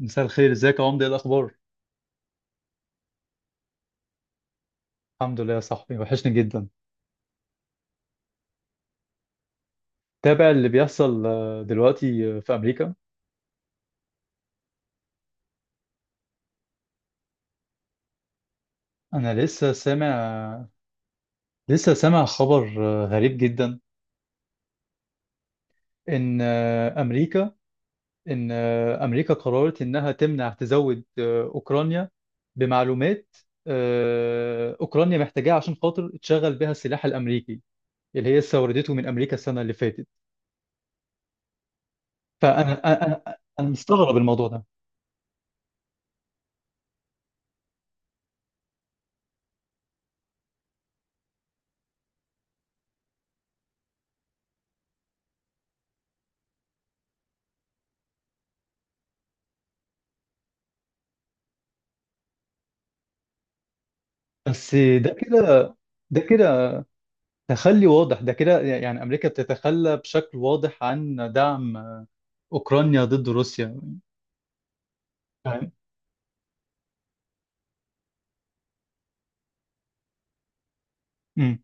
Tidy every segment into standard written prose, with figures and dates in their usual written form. مساء الخير، ازيك يا عمده؟ ايه الاخبار؟ الحمد لله يا صاحبي، وحشني جدا. تابع اللي بيحصل دلوقتي في امريكا؟ انا لسه سامع، لسه سامع خبر غريب جدا. ان امريكا قررت انها تمنع تزود اوكرانيا بمعلومات اوكرانيا محتاجاها عشان خاطر تشغل بها السلاح الامريكي اللي هي استوردته من امريكا السنه اللي فاتت. فانا انا انا أنا مستغرب الموضوع ده. بس ده كده ده كده تخلي واضح، ده كده يعني أمريكا بتتخلى بشكل واضح عن دعم أوكرانيا ضد روسيا. فاهم؟ أمم.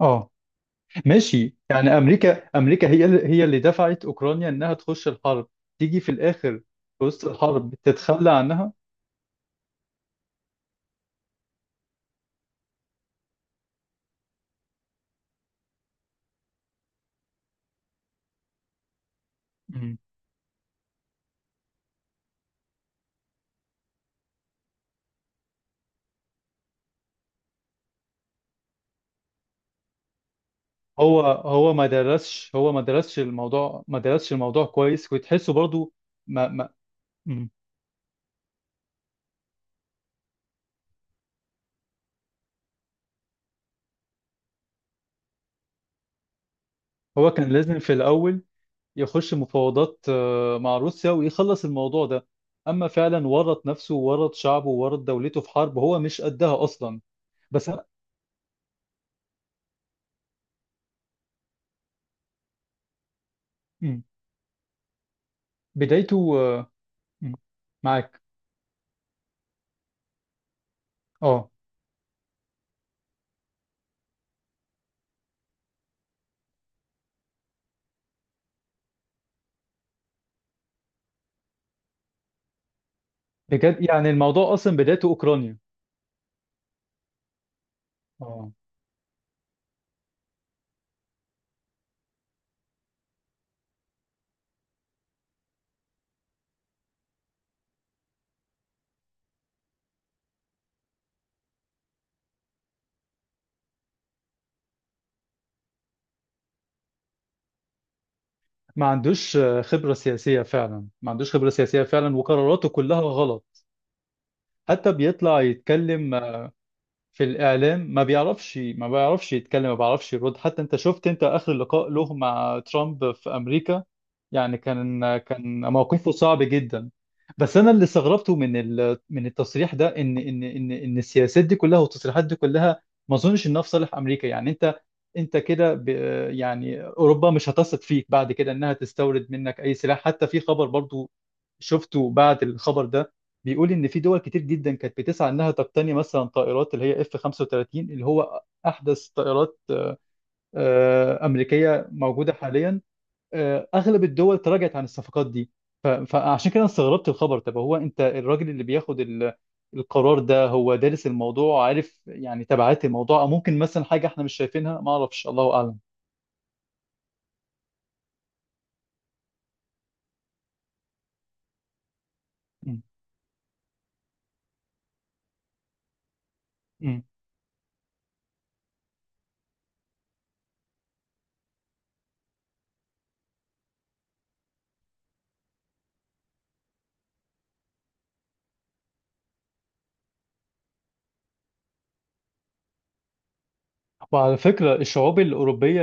اه ماشي، يعني أمريكا هي اللي دفعت أوكرانيا إنها تخش الحرب، تيجي في الآخر، في وسط الحرب تتخلى عنها. أمم. هو ما درسش الموضوع، ما درسش الموضوع كويس، وتحسه برضو. ما ما أمم. هو كان لازم في الأول يخش مفاوضات مع روسيا ويخلص الموضوع ده، اما فعلا ورط نفسه وورط شعبه وورط دولته في حرب هو مش قدها اصلا. بس أنا- مم. بدايته مم. معاك. اه بجد، يعني الموضوع اصلا بدايته اوكرانيا. اه ما عندوش خبرة سياسية فعلا، ما عندوش خبرة سياسية فعلا، وقراراته كلها غلط. حتى بيطلع يتكلم في الاعلام ما بيعرفش، ما بيعرفش يتكلم، ما بيعرفش يرد. حتى انت شفت انت اخر لقاء له مع ترامب في امريكا، يعني كان كان موقفه صعب جدا. بس انا اللي استغربته من من التصريح ده ان السياسات دي كلها والتصريحات دي كلها ما اظنش انها في صالح امريكا. يعني انت، انت كده ب... يعني اوروبا مش هتثق فيك بعد كده انها تستورد منك اي سلاح. حتى في خبر برضو شفته بعد الخبر ده، بيقول ان في دول كتير جدا كانت بتسعى انها تقتني مثلا طائرات اللي هي اف 35 اللي هو احدث طائرات امريكيه موجوده حاليا. اغلب الدول تراجعت عن الصفقات دي. فعشان كده أنا استغربت الخبر. طب هو انت الراجل اللي بياخد القرار ده، هو دارس الموضوع، عارف يعني تبعات الموضوع، او ممكن مثلا حاجه احنا مش شايفينها ما اعرفش، الله اعلم. م- م. وعلى فكرة الشعوب الأوروبية،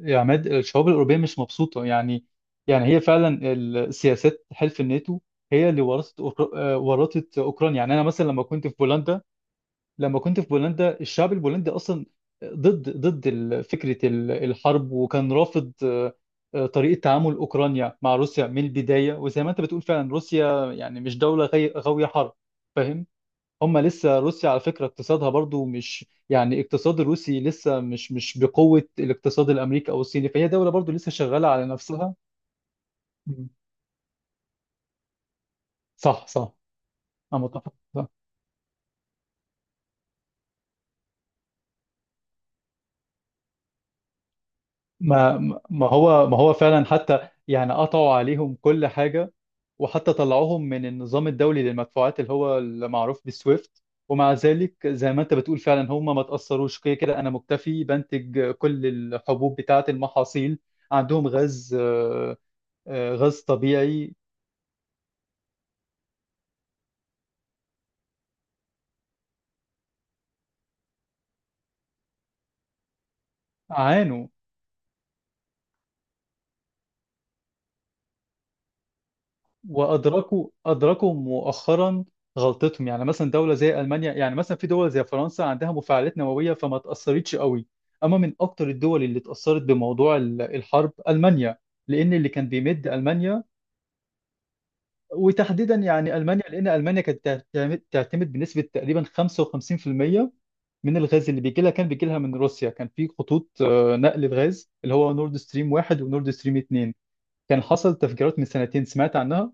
يا عماد الشعوب الأوروبية مش مبسوطة يعني. يعني هي فعلا السياسات حلف الناتو هي اللي ورثت أوكر- آه، ورثت أوكرانيا. يعني أنا مثلا لما كنت في بولندا، لما كنت في بولندا الشعب البولندي أصلا ضد فكرة الحرب، وكان رافض طريقة تعامل أوكرانيا مع روسيا من البداية. وزي ما أنت بتقول فعلا روسيا يعني مش دولة غاوية حرب، فاهم؟ هم لسه روسيا على فكرة اقتصادها برضو مش، يعني اقتصاد الروسي لسه مش، مش بقوة الاقتصاد الامريكي او الصيني، فهي دولة برضو لسه شغالة على نفسها. مم. صح صح. انا متفق صح. ما ما هو ما هو فعلا حتى يعني قطعوا عليهم كل حاجة، وحتى طلعوهم من النظام الدولي للمدفوعات اللي هو المعروف بالسويفت، ومع ذلك زي ما انت بتقول فعلا هم ما تأثروش. كده كده انا مكتفي، بنتج كل الحبوب بتاعة المحاصيل، عندهم غاز غاز طبيعي. عانوا وأدركوا مؤخرا غلطتهم. يعني مثلا دولة زي ألمانيا، يعني مثلا في دول زي فرنسا عندها مفاعلات نووية فما تأثرتش قوي. أما من أكتر الدول اللي اتأثرت بموضوع الحرب ألمانيا، لأن اللي كان بيمد ألمانيا وتحديدا يعني ألمانيا، لأن ألمانيا كانت تعتمد بنسبة تقريبا 55% من الغاز اللي بيجي لها، كان بيجي لها من روسيا. كان في خطوط نقل الغاز اللي هو نورد ستريم 1 ونورد ستريم اتنين، كان حصل تفجيرات من سنتين سمعت عنها،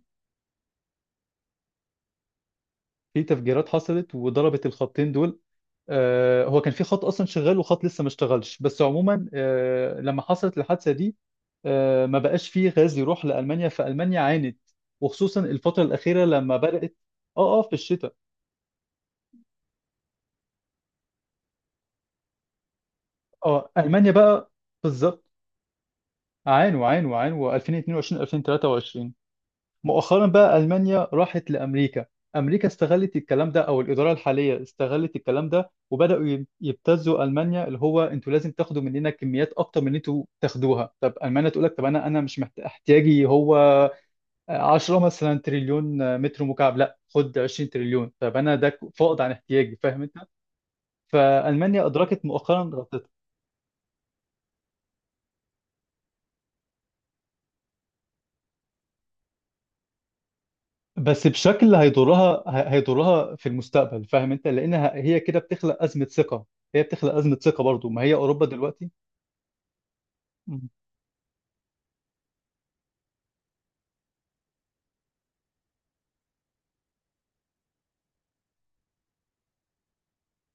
في تفجيرات حصلت وضربت الخطين دول. هو كان في خط اصلا شغال وخط لسه ما اشتغلش، بس عموما لما حصلت الحادثه دي ما بقاش فيه غاز يروح لألمانيا، فألمانيا عانت، وخصوصا الفترة الأخيرة لما بدأت. اه اه في الشتاء، اه ألمانيا بقى، بالظبط، عانوا 2022 2023. مؤخرا بقى ألمانيا راحت لأمريكا، أمريكا استغلت الكلام ده، أو الإدارة الحالية استغلت الكلام ده، وبدأوا يبتزوا ألمانيا، اللي هو أنتوا لازم تاخدوا مننا كميات أكتر من اللي أنتوا تاخدوها. طب ألمانيا تقول لك طب أنا أنا مش محت- احتياجي هو 10 مثلا تريليون متر مكعب، لا خد 20 تريليون، طب أنا ده فائض عن احتياجي، فاهم أنت؟ فألمانيا أدركت مؤخرا. بس بشكل هيضرها في المستقبل، فاهم انت؟ لانها هي كده بتخلق ازمه ثقه، هي بتخلق ازمه ثقه برضو. ما هي اوروبا دلوقتي، مم.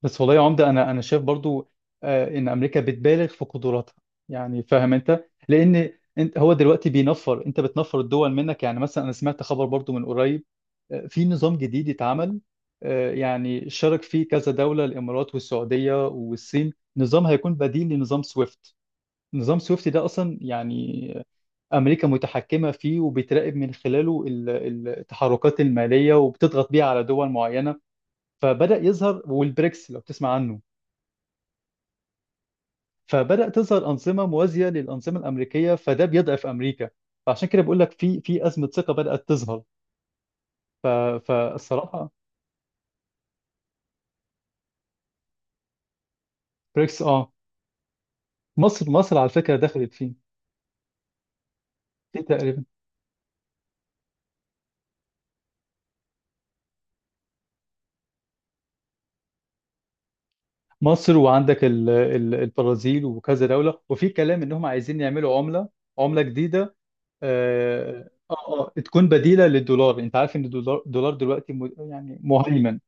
بس والله يا عمده انا شايف برضو ان امريكا بتبالغ في قدراتها، يعني فاهم انت؟ لان انت هو دلوقتي بينفر، انت بتنفر الدول منك. يعني مثلا انا سمعت خبر برضو من قريب، في نظام جديد اتعمل، يعني شارك فيه كذا دوله، الامارات والسعوديه والصين، نظام هيكون بديل لنظام سويفت. نظام سويفت ده اصلا يعني أمريكا متحكمة فيه، وبتراقب من خلاله التحركات المالية، وبتضغط بيها على دول معينة. فبدأ يظهر، والبريكس لو تسمع عنه، فبدأ تظهر أنظمة موازية للأنظمة الأمريكية، فده بيضعف أمريكا. فعشان كده بقول لك، في في أزمة ثقة بدأت تظهر. ف- فالصراحة بريكس اه، مصر على فكرة دخلت فيه، في تقريبا مصر، وعندك البرازيل وكذا دولة، وفي كلام إنهم عايزين يعملوا عملة، عملة جديدة. اه اه تكون بديله للدولار. انت عارف ان الدولار، يعني مهيمن.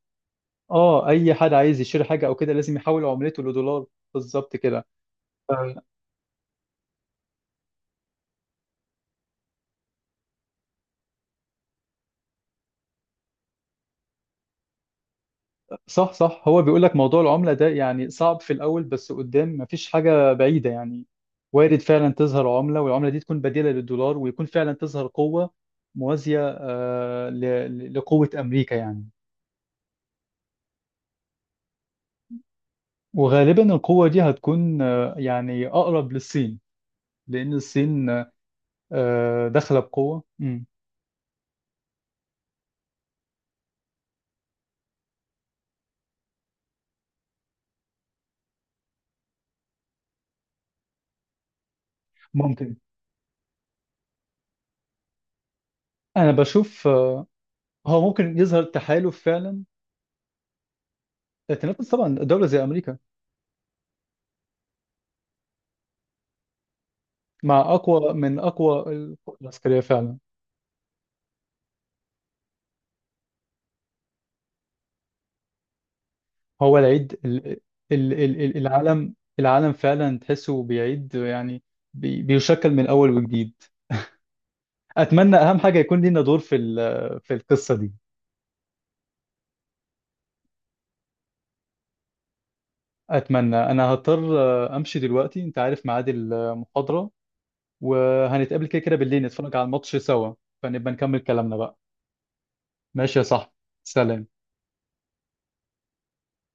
اه اي حد عايز يشتري حاجه او كده لازم يحول عملته لدولار. بالظبط كده. ف- صح صح. هو بيقول لك موضوع العمله ده يعني صعب في الاول، بس قدام مفيش حاجه بعيده يعني، وارد فعلا تظهر عمله، والعمله دي تكون بديله للدولار، ويكون فعلا تظهر قوه موازيه لقوه امريكا يعني. وغالبا القوه دي هتكون يعني اقرب للصين، لان الصين داخله بقوه. مم. ممكن، انا بشوف هو ممكن يظهر تحالف فعلا، تنافس طبعا دوله زي امريكا، مع اقوى من اقوى القوى العسكريه فعلا. هو العيد ال- ال- ال- ال- العالم العالم فعلا تحسه بيعيد يعني، بيشكل من اول وجديد. اتمنى، اهم حاجه يكون لينا دور في في القصه دي. اتمنى. انا هضطر امشي دلوقتي، انت عارف ميعاد المحاضره. وهنتقابل كده كده بالليل نتفرج على الماتش سوا، فنبقى نكمل كلامنا بقى. ماشي يا صاحبي، سلام.